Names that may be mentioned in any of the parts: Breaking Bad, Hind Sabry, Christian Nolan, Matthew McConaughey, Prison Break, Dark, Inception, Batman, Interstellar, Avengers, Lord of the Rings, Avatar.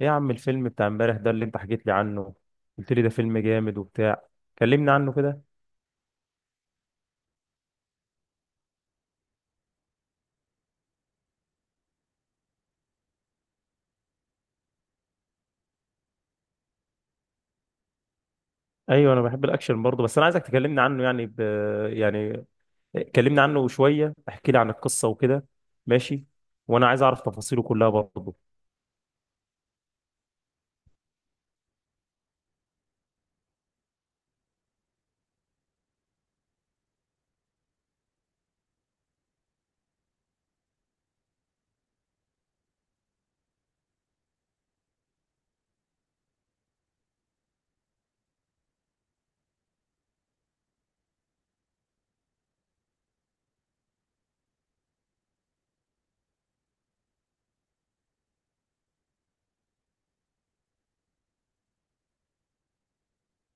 ايه يا عم الفيلم بتاع امبارح ده اللي انت حكيت لي عنه. قلت لي ده فيلم جامد وبتاع، كلمني عنه كده. ايوه انا بحب الاكشن برضه، بس انا عايزك تكلمني عنه، يعني كلمني عنه شويه، احكي لي عن القصه وكده. ماشي، وانا عايز اعرف تفاصيله كلها برضه.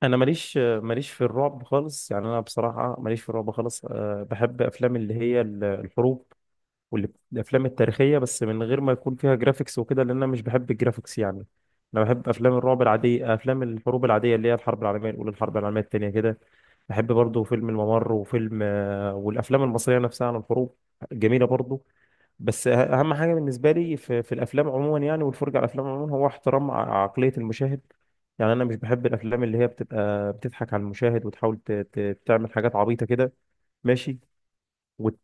انا ماليش في الرعب خالص، يعني انا بصراحه ماليش في الرعب خالص. أه، بحب افلام اللي هي الحروب والافلام التاريخيه، بس من غير ما يكون فيها جرافيكس وكده، لان انا مش بحب الجرافيكس يعني. انا بحب افلام الرعب العاديه، افلام الحروب العاديه، اللي هي الحرب العالميه الاولى، الحرب العالميه الثانيه كده. بحب برضه فيلم الممر وفيلم والافلام المصريه نفسها عن الحروب، جميله برضه. بس اهم حاجه بالنسبه لي في الافلام عموما، يعني والفرجه على الافلام عموما، هو احترام عقليه المشاهد. يعني انا مش بحب الافلام اللي هي بتبقى بتضحك على المشاهد، وتحاول تعمل حاجات عبيطه كده. ماشي. وت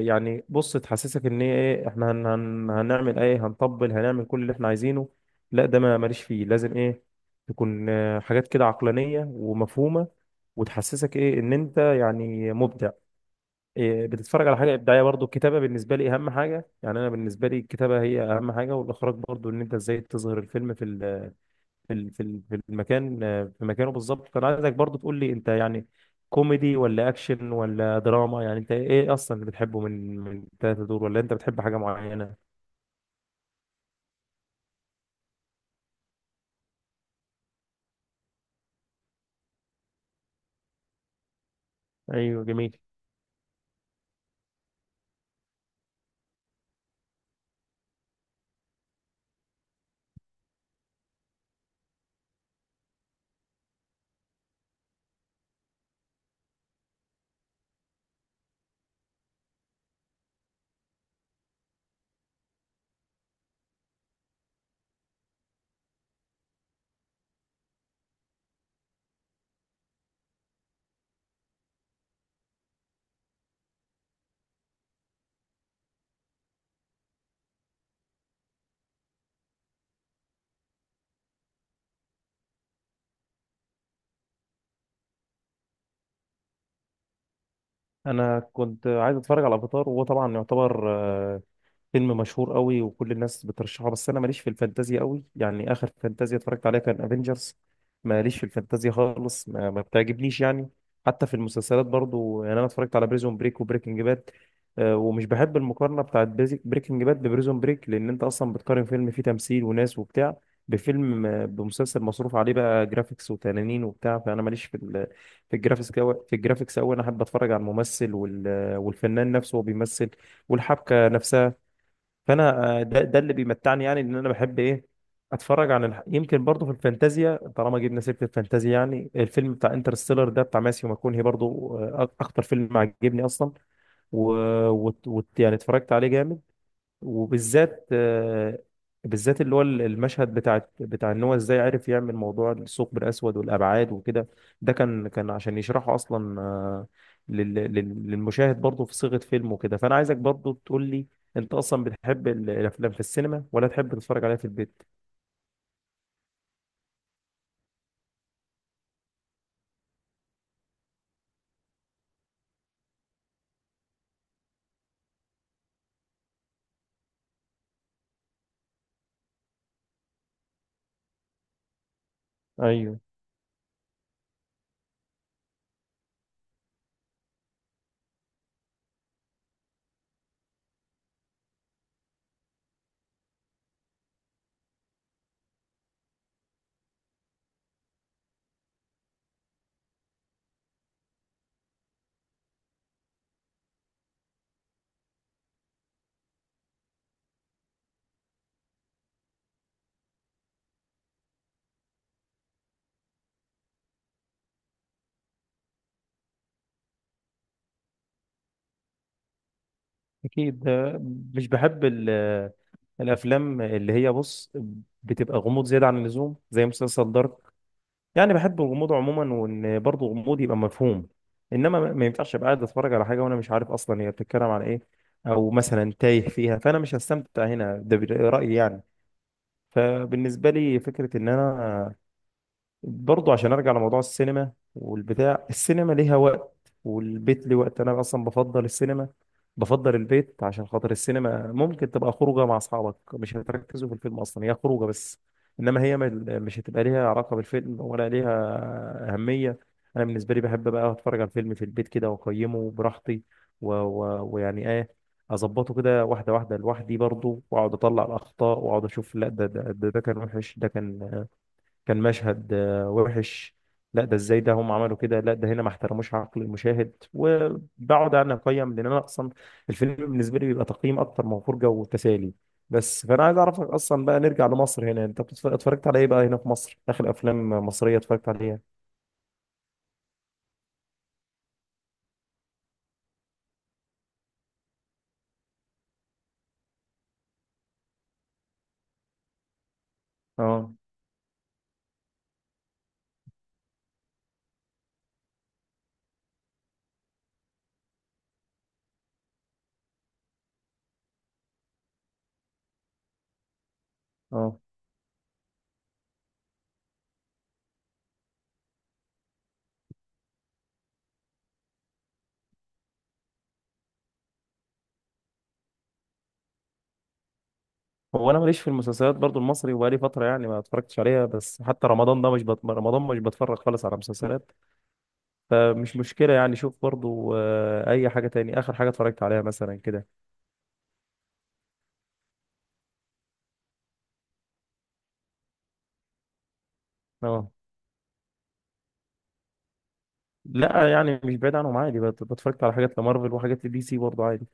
يعني بص، تحسسك ان هي ايه، احنا هنعمل ايه، هنطبل، هنعمل كل اللي احنا عايزينه. لا، ده ما ماليش فيه. لازم ايه، تكون حاجات كده عقلانية ومفهومة، وتحسسك ايه، ان انت يعني مبدع، إيه، بتتفرج على حاجة إبداعية. برضو الكتابة بالنسبة لي اهم حاجة، يعني انا بالنسبة لي الكتابة هي اهم حاجة، والاخراج برضو، ان انت ازاي تظهر الفيلم في في المكان، في مكانه بالظبط. فانا عايزك برضو تقول لي انت يعني كوميدي ولا اكشن ولا دراما، يعني انت ايه اصلا اللي بتحبه من التلاته دول، ولا انت بتحب حاجه معينه؟ ايوه جميل. انا كنت عايز اتفرج على افاتار، وهو طبعا يعتبر فيلم مشهور قوي وكل الناس بترشحه، بس انا ماليش في الفانتازيا قوي، يعني اخر فانتازيا اتفرجت عليها كان افنجرز. ماليش في الفانتازيا خالص، ما بتعجبنيش يعني. حتى في المسلسلات برضو، يعني انا اتفرجت على بريزون بريك وبريكنج باد، ومش بحب المقارنه بتاعت بريكنج باد ببريزون بريك، لان انت اصلا بتقارن فيلم فيه تمثيل وناس وبتاع بفيلم بمسلسل مصروف عليه بقى جرافيكس وتنانين وبتاع. فانا ماليش في ال في الجرافيكس أوي- في الجرافيكس قوي، انا احب اتفرج على الممثل والفنان نفسه وهو بيمثل، والحبكه نفسها. فانا ده اللي بيمتعني، يعني ان انا بحب ايه، اتفرج عن يمكن برضه في الفانتازيا، طالما جبنا سيره الفانتازيا، يعني الفيلم بتاع انترستيلر ده بتاع ماسيو ماكونهي برضه، اكتر فيلم عجبني اصلا. و... يعني اتفرجت عليه جامد، وبالذات بالذات اللي هو المشهد بتاع ان هو ازاي عرف يعمل موضوع الثقب الاسود والابعاد وكده. ده كان عشان يشرحه اصلا، للمشاهد برضه في صيغة فيلم وكده. فانا عايزك برضه تقول لي، انت اصلا بتحب الافلام في السينما، ولا تحب تتفرج عليها في البيت؟ ايوه. اكيد مش بحب الافلام اللي هي، بص، بتبقى غموض زيادة عن اللزوم زي مسلسل دارك. يعني بحب الغموض عموما، وان برضه الغموض يبقى مفهوم، انما ما ينفعش ابقى قاعد اتفرج على حاجه وانا مش عارف اصلا هي بتتكلم عن ايه، او مثلا تايه فيها، فانا مش هستمتع هنا. ده رايي يعني. فبالنسبه لي فكره ان انا برضه، عشان ارجع لموضوع السينما والبتاع، السينما ليها وقت والبيت ليه وقت. انا اصلا بفضل السينما، بفضل البيت عشان خاطر السينما ممكن تبقى خروجه مع اصحابك، مش هتركزوا في الفيلم، اصلا هي خروجه بس، انما هي مش هتبقى ليها علاقه بالفيلم ولا ليها اهميه. انا بالنسبه لي بحب بقى اتفرج على الفيلم في البيت كده، واقيمه براحتي، و... و... ويعني ايه، اظبطه كده واحده واحده لوحدي برضه، واقعد اطلع الاخطاء، واقعد اشوف، لا ده كان وحش، ده كان مشهد وحش، لا ده ازاي ده هم عملوا كده، لا ده هنا ما احترموش عقل المشاهد، وبقعد انا اقيم، لان انا اصلا الفيلم بالنسبه لي بيبقى تقييم اكتر من فرجه وتسالي. بس فانا عايز اعرفك اصلا بقى، نرجع لمصر هنا، انت اتفرجت على ايه بقى هنا في مصر، اخر افلام مصريه اتفرجت عليها؟ اه. اه. هو انا ماليش في المسلسلات برضو المصري، وبقالي فتره يعني ما اتفرجتش عليها، بس حتى رمضان ده مش رمضان مش بتفرج خالص على مسلسلات، فمش مشكله يعني. شوف برضو اي حاجه تاني، اخر حاجه اتفرجت عليها مثلا كده. اه. لا يعني مش بعيد عنهم عادي، بتفرجت على حاجات لمارفل وحاجات لدي سي برضه عادي.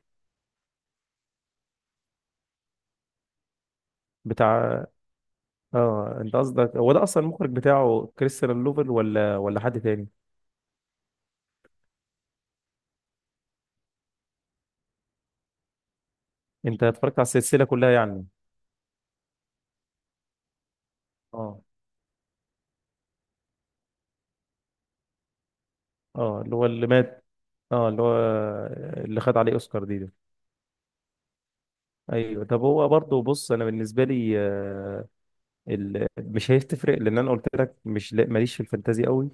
بتاع. اه، انت قصدك هو ده، اصلا المخرج بتاعه كريستيان لوفل، ولا حد تاني؟ انت اتفرجت على السلسله كلها يعني؟ اه. اه، اللي هو اللي مات. اه، اللي هو اللي خد عليه اوسكار دي ده. ايوه. طب هو برضه بص، انا بالنسبه لي مش هتفرق، لان انا قلت لك مش ماليش في الفانتازي قوي.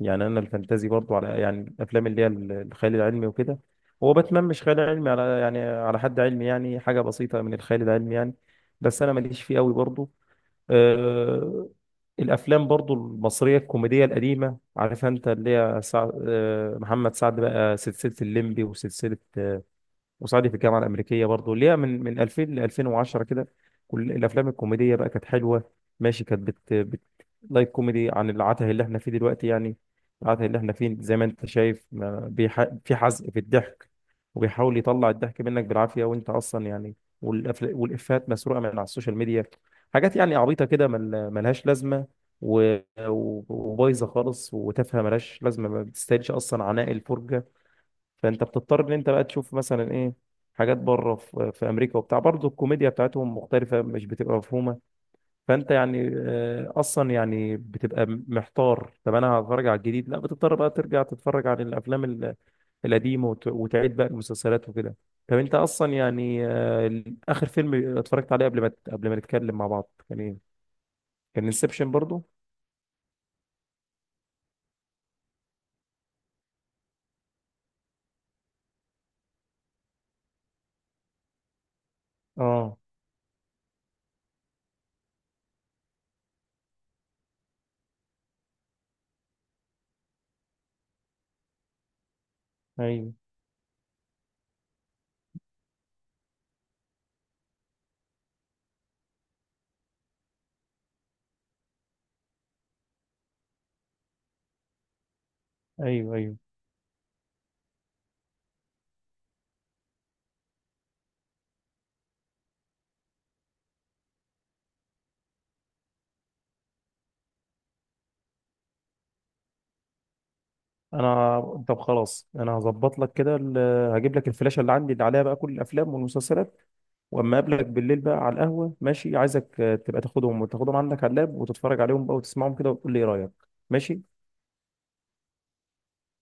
يعني انا الفانتازي برضو على، يعني الافلام اللي هي الخيال العلمي وكده. هو باتمان مش خيال علمي على، يعني على حد علمي يعني، حاجه بسيطه من الخيال العلمي يعني، بس انا ماليش فيه قوي برضو. أه... الافلام برضو المصريه الكوميديه القديمه، عارف انت اللي هي محمد سعد بقى سلسله الليمبي، وسلسله وصعيدي في الجامعه الامريكيه برضه، اللي هي من 2000 ل 2010 كده. كل الافلام الكوميديه بقى كانت حلوه، ماشي. كانت لايت كوميدي عن العته اللي احنا فيه دلوقتي يعني. العته اللي احنا فيه، زي ما انت شايف، ما في حزق في الضحك، وبيحاول يطلع الضحك منك بالعافيه، وانت اصلا يعني، والافات مسروقه من على السوشيال ميديا، حاجات يعني عبيطه كده ملهاش لازمه، و... و- وبايظه خالص وتافهه ملهاش لازمه، ما بتستاهلش اصلا عناء الفرجه. فانت بتضطر ان انت بقى تشوف مثلا ايه، حاجات بره في في امريكا وبتاع، برضه الكوميديا بتاعتهم مختلفه، مش بتبقى مفهومه. فانت يعني اصلا يعني بتبقى محتار، طب انا هتفرج على الجديد، لا، بتضطر بقى ترجع تتفرج على الافلام القديمه، وتعيد بقى المسلسلات وكده. طب انت اصلا يعني اخر فيلم اتفرجت عليه قبل ما قبل ما نتكلم مع بعض كان ايه؟ كان انسبشن برضو. اه. ايوه. ايوه. ايوه. انا. طب خلاص، انا هظبط لك كده هجيب لك الفلاشه اللي عندي اللي عليها بقى كل الافلام والمسلسلات، واما اقابلك بالليل بقى على القهوه، ماشي، عايزك تبقى تاخدهم، عندك على اللاب، وتتفرج عليهم بقى وتسمعهم كده وتقول لي ايه رايك. ماشي.